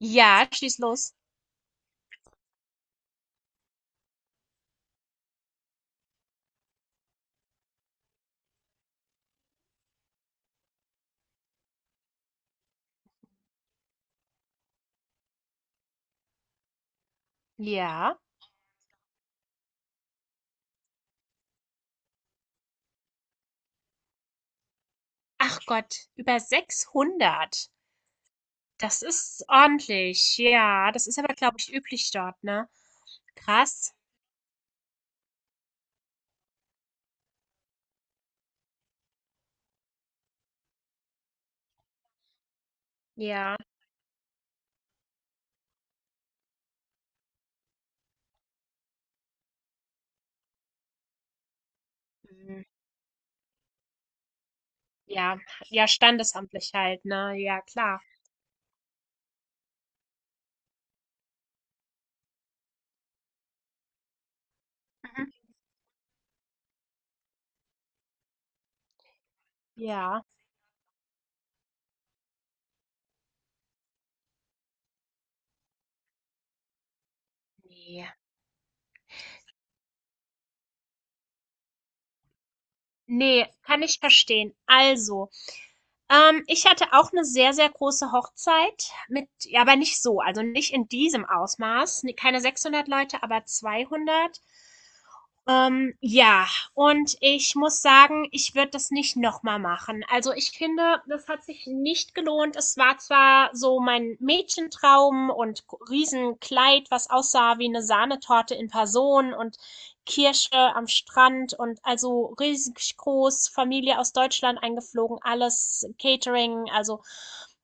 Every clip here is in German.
Ja, schieß los. Ja. Ach Gott, über 600. Das ist ordentlich. Ja, das ist aber, glaube ich, üblich dort, ne? Krass. Ja. Mhm. Ja, ja, standesamtlich halt, ne? Ja, klar. Mhm. Ja. Nee. Nee, kann ich verstehen. Also, ich hatte auch eine sehr, sehr große Hochzeit mit, ja, aber nicht so, also nicht in diesem Ausmaß. Nee, keine 600 Leute, aber 200. Ja, und ich muss sagen, ich würde das nicht noch mal machen. Also, ich finde, das hat sich nicht gelohnt. Es war zwar so mein Mädchentraum und Riesenkleid, was aussah wie eine Sahnetorte in Person und Kirche am Strand und also riesig groß, Familie aus Deutschland eingeflogen, alles Catering, also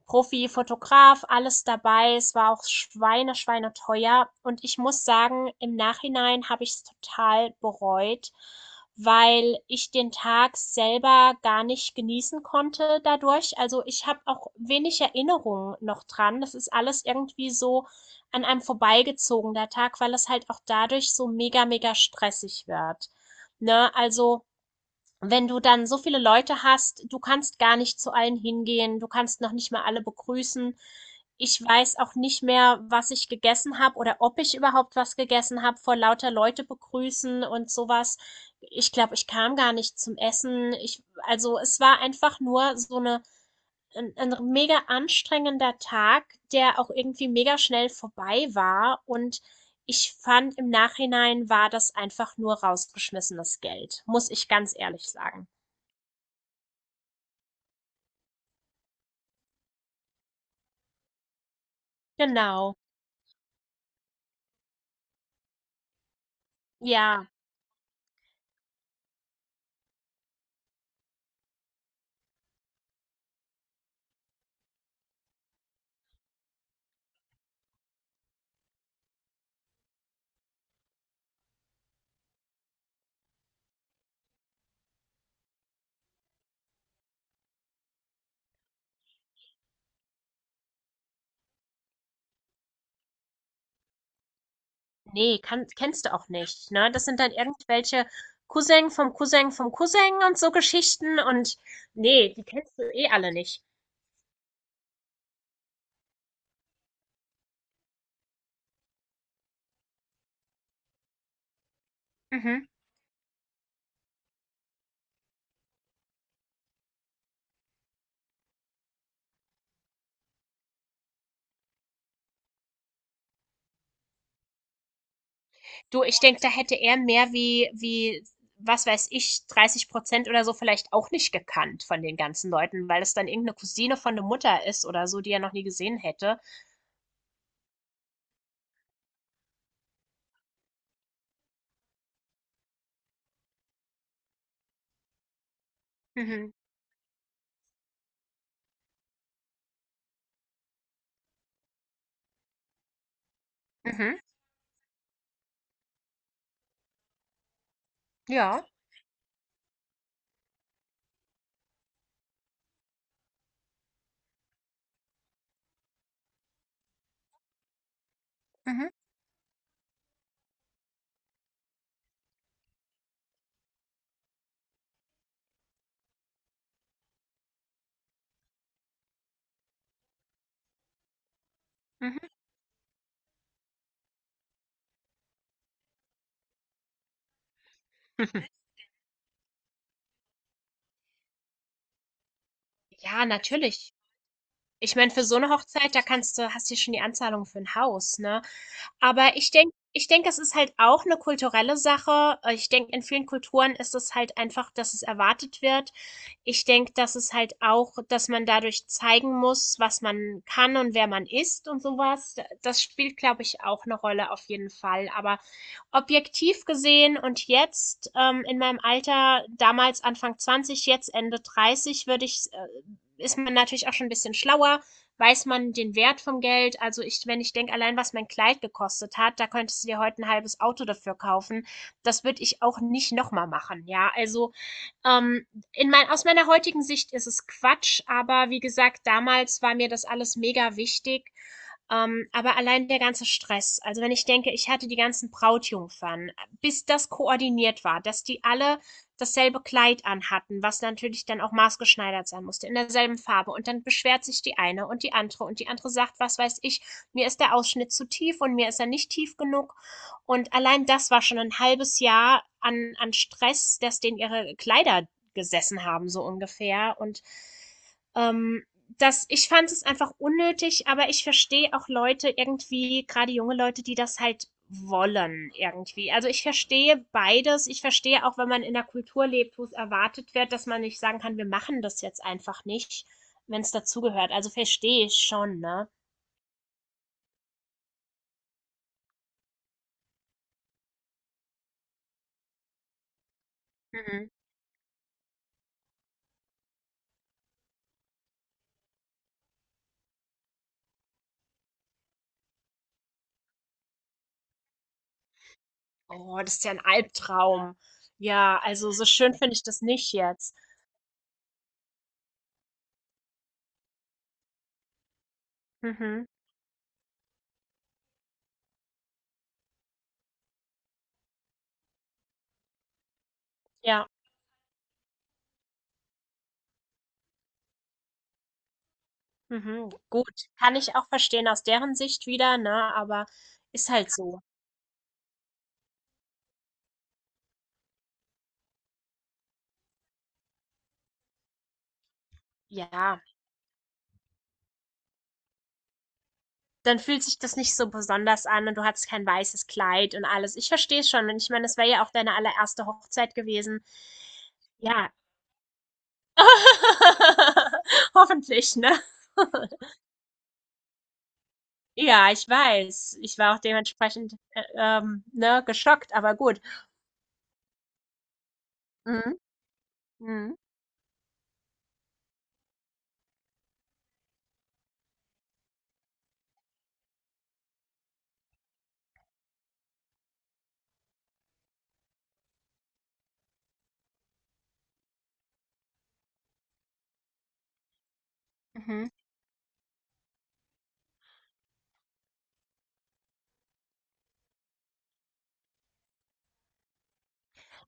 Profi, Fotograf, alles dabei. Es war auch Schweine, Schweine teuer. Und ich muss sagen, im Nachhinein habe ich es total bereut, weil ich den Tag selber gar nicht genießen konnte dadurch. Also ich habe auch wenig Erinnerungen noch dran. Das ist alles irgendwie so an einem vorbeigezogener Tag, weil es halt auch dadurch so mega, mega stressig wird. Ne? Also, wenn du dann so viele Leute hast, du kannst gar nicht zu allen hingehen, du kannst noch nicht mal alle begrüßen. Ich weiß auch nicht mehr, was ich gegessen habe oder ob ich überhaupt was gegessen habe, vor lauter Leute begrüßen und sowas. Ich glaube, ich kam gar nicht zum Essen. Also es war einfach nur so eine ein 'n mega anstrengender Tag, der auch irgendwie mega schnell vorbei war. Und ich fand, im Nachhinein war das einfach nur rausgeschmissenes Geld, muss ich ganz ehrlich sagen. Genau. Ja, nee, kann kennst du auch nicht, ne? Das sind dann irgendwelche Cousin vom Cousin vom Cousin und so Geschichten und nee, die kennst du eh alle nicht. Mhm. Du, ich denke, da hätte er mehr wie, was weiß ich, 30% oder so vielleicht auch nicht gekannt von den ganzen Leuten, weil es dann irgendeine Cousine von der Mutter ist oder so, die er noch nie gesehen hätte. Mhm. Mhm. Ja. Mhm. Mhm. Mhm. Ja, natürlich. Ich meine, für so eine Hochzeit, hast du schon die Anzahlung für ein Haus, ne? Aber ich denke, es ist halt auch eine kulturelle Sache. Ich denke, in vielen Kulturen ist es halt einfach, dass es erwartet wird. Ich denke, dass es halt auch dass man dadurch zeigen muss, was man kann und wer man ist und sowas. Das spielt, glaube ich, auch eine Rolle auf jeden Fall. Aber objektiv gesehen und jetzt in meinem Alter, damals Anfang 20, jetzt Ende 30, ist man natürlich auch schon ein bisschen schlauer, weiß man den Wert vom Geld. Also ich, wenn ich denke, allein was mein Kleid gekostet hat, da könntest du dir heute ein halbes Auto dafür kaufen. Das würde ich auch nicht nochmal machen. Ja, also ähm, aus meiner heutigen Sicht ist es Quatsch, aber wie gesagt, damals war mir das alles mega wichtig. Aber allein der ganze Stress, also wenn ich denke, ich hatte die ganzen Brautjungfern, bis das koordiniert war, dass die alle dasselbe Kleid anhatten, was natürlich dann auch maßgeschneidert sein musste, in derselben Farbe. Und dann beschwert sich die eine und die andere sagt, was weiß ich, mir ist der Ausschnitt zu tief und mir ist er nicht tief genug. Und allein das war schon ein halbes Jahr an Stress, das denen ihre Kleider gesessen haben, so ungefähr. Und ähm, das ich fand es einfach unnötig, aber ich verstehe auch Leute irgendwie, gerade junge Leute, die das halt wollen irgendwie. Also, ich verstehe beides. Ich verstehe auch, wenn man in 'ner Kultur lebt, wo es erwartet wird, dass man nicht sagen kann: „Wir machen das jetzt einfach nicht“, wenn wenn's dazugehört. Also, verstehe ich schon, ne? Mhm. Oh, das ist ja ein Albtraum. Ja, also, so schön finde ich das nicht jetzt. Mhm. Ja, mhm. Gut. Kann ich auch verstehen aus deren Sicht wieder, ne, aber ist halt so. Ja, dann fühlt sich das nicht so besonders an und du hattest kein weißes Kleid und alles. Ich verstehe es schon und ich meine, das wäre ja auch deine allererste Hochzeit gewesen. Ja. Hoffentlich, ne? Ja, ich weiß. Ich war auch dementsprechend, ne, geschockt, aber gut. Mhm. Mhm. Mhm.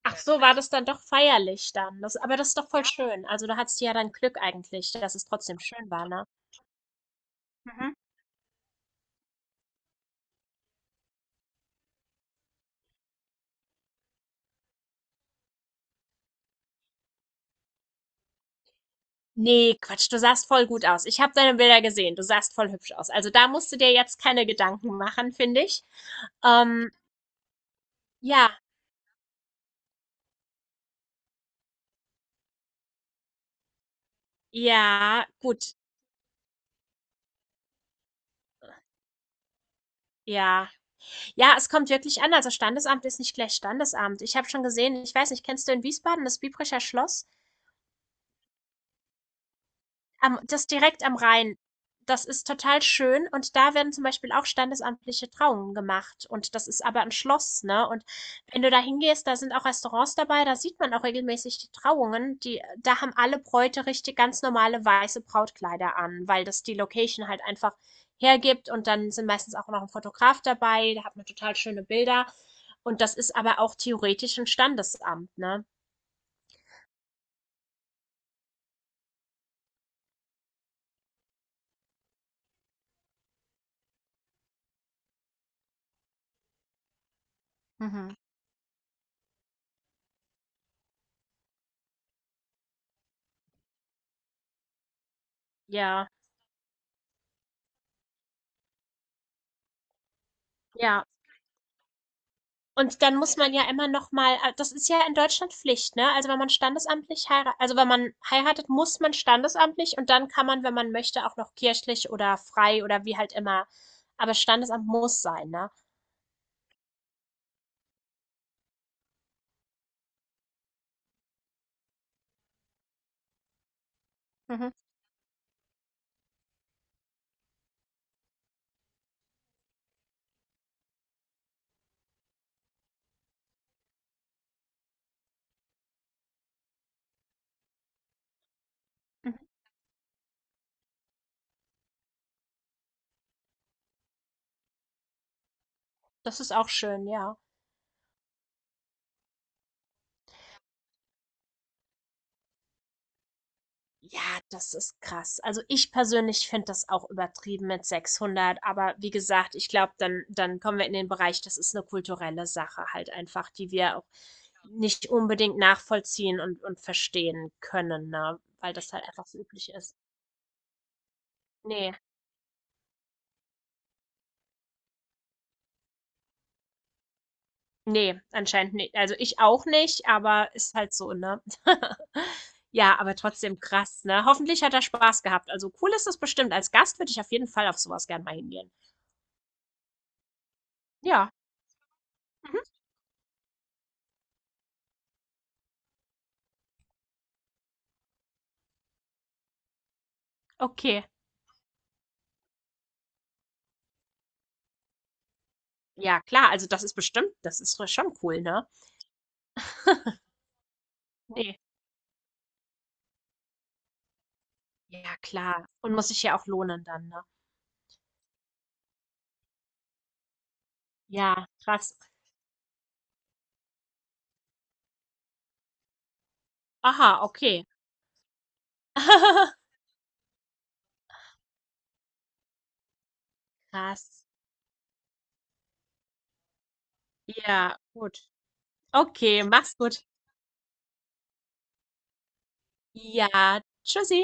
Ach so, war das dann doch feierlich dann. Das, aber das ist doch voll schön. Also, da hattest du ja dann Glück eigentlich, dass es trotzdem schön war, ne? Mhm. Nee, Quatsch, du sahst voll gut aus. Ich habe deine Bilder gesehen. Du sahst voll hübsch aus. Also, da musst du dir jetzt keine Gedanken machen, finde ich. Ähm, ja, ja, gut, ja. Ja, es kommt wirklich an. Also, Standesamt ist nicht gleich Standesamt. Ich habe schon gesehen. Ich weiß nicht, kennst du in Wiesbaden das Biebricher Schloss? Das direkt am Rhein. Das ist total schön und da werden zum Beispiel auch standesamtliche Trauungen gemacht und das ist aber ein Schloss, ne? Und wenn du da hingehst, da sind auch Restaurants dabei, da sieht man auch regelmäßig die Trauungen, die, da haben alle Bräute richtig ganz normale weiße Brautkleider an, weil das die Location halt einfach hergibt und dann sind meistens auch noch ein Fotograf dabei, da hat man total schöne Bilder und das ist aber auch theoretisch ein Standesamt, ne? Mhm. Ja, ja. Und dann muss man ja immer noch mal ah, das ist ja in Deutschland Pflicht, ne? Also, wenn man standesamtlich heira also, wenn man heiratet, muss man standesamtlich und dann kann man, wenn man möchte, auch noch kirchlich oder frei oder wie halt immer. Aber Standesamt muss sein, ne? Mhm, mhm. Das ist auch schön, ja. Ja, das ist krass. Also, ich persönlich finde das auch übertrieben mit sechshundert, aber wie gesagt, ich glaube, dann kommen wir in den Bereich, das ist eine kulturelle Sache halt einfach, die wir auch nicht unbedingt nachvollziehen und verstehen können, ne, weil das halt einfach so üblich ist. Ne, ne, anscheinend nicht. Also, ich auch nicht, aber ist halt so, ne? Ja, aber trotzdem krass, ne? Hoffentlich hat er Spaß gehabt. Also, cool ist es bestimmt. Als Gast würde ich auf jeden Fall auf sowas was gern mal hingehen. Ja, mhm, okay. Ja klar, also das ist doch schon cool, ne? Ja. Ne. Ja klar. Und muss sich ja auch lohnen dann, ne? Ja, krass. Aha, okay. Krass. Ja, gut. Okay, mach's gut. Ja, tschüssi.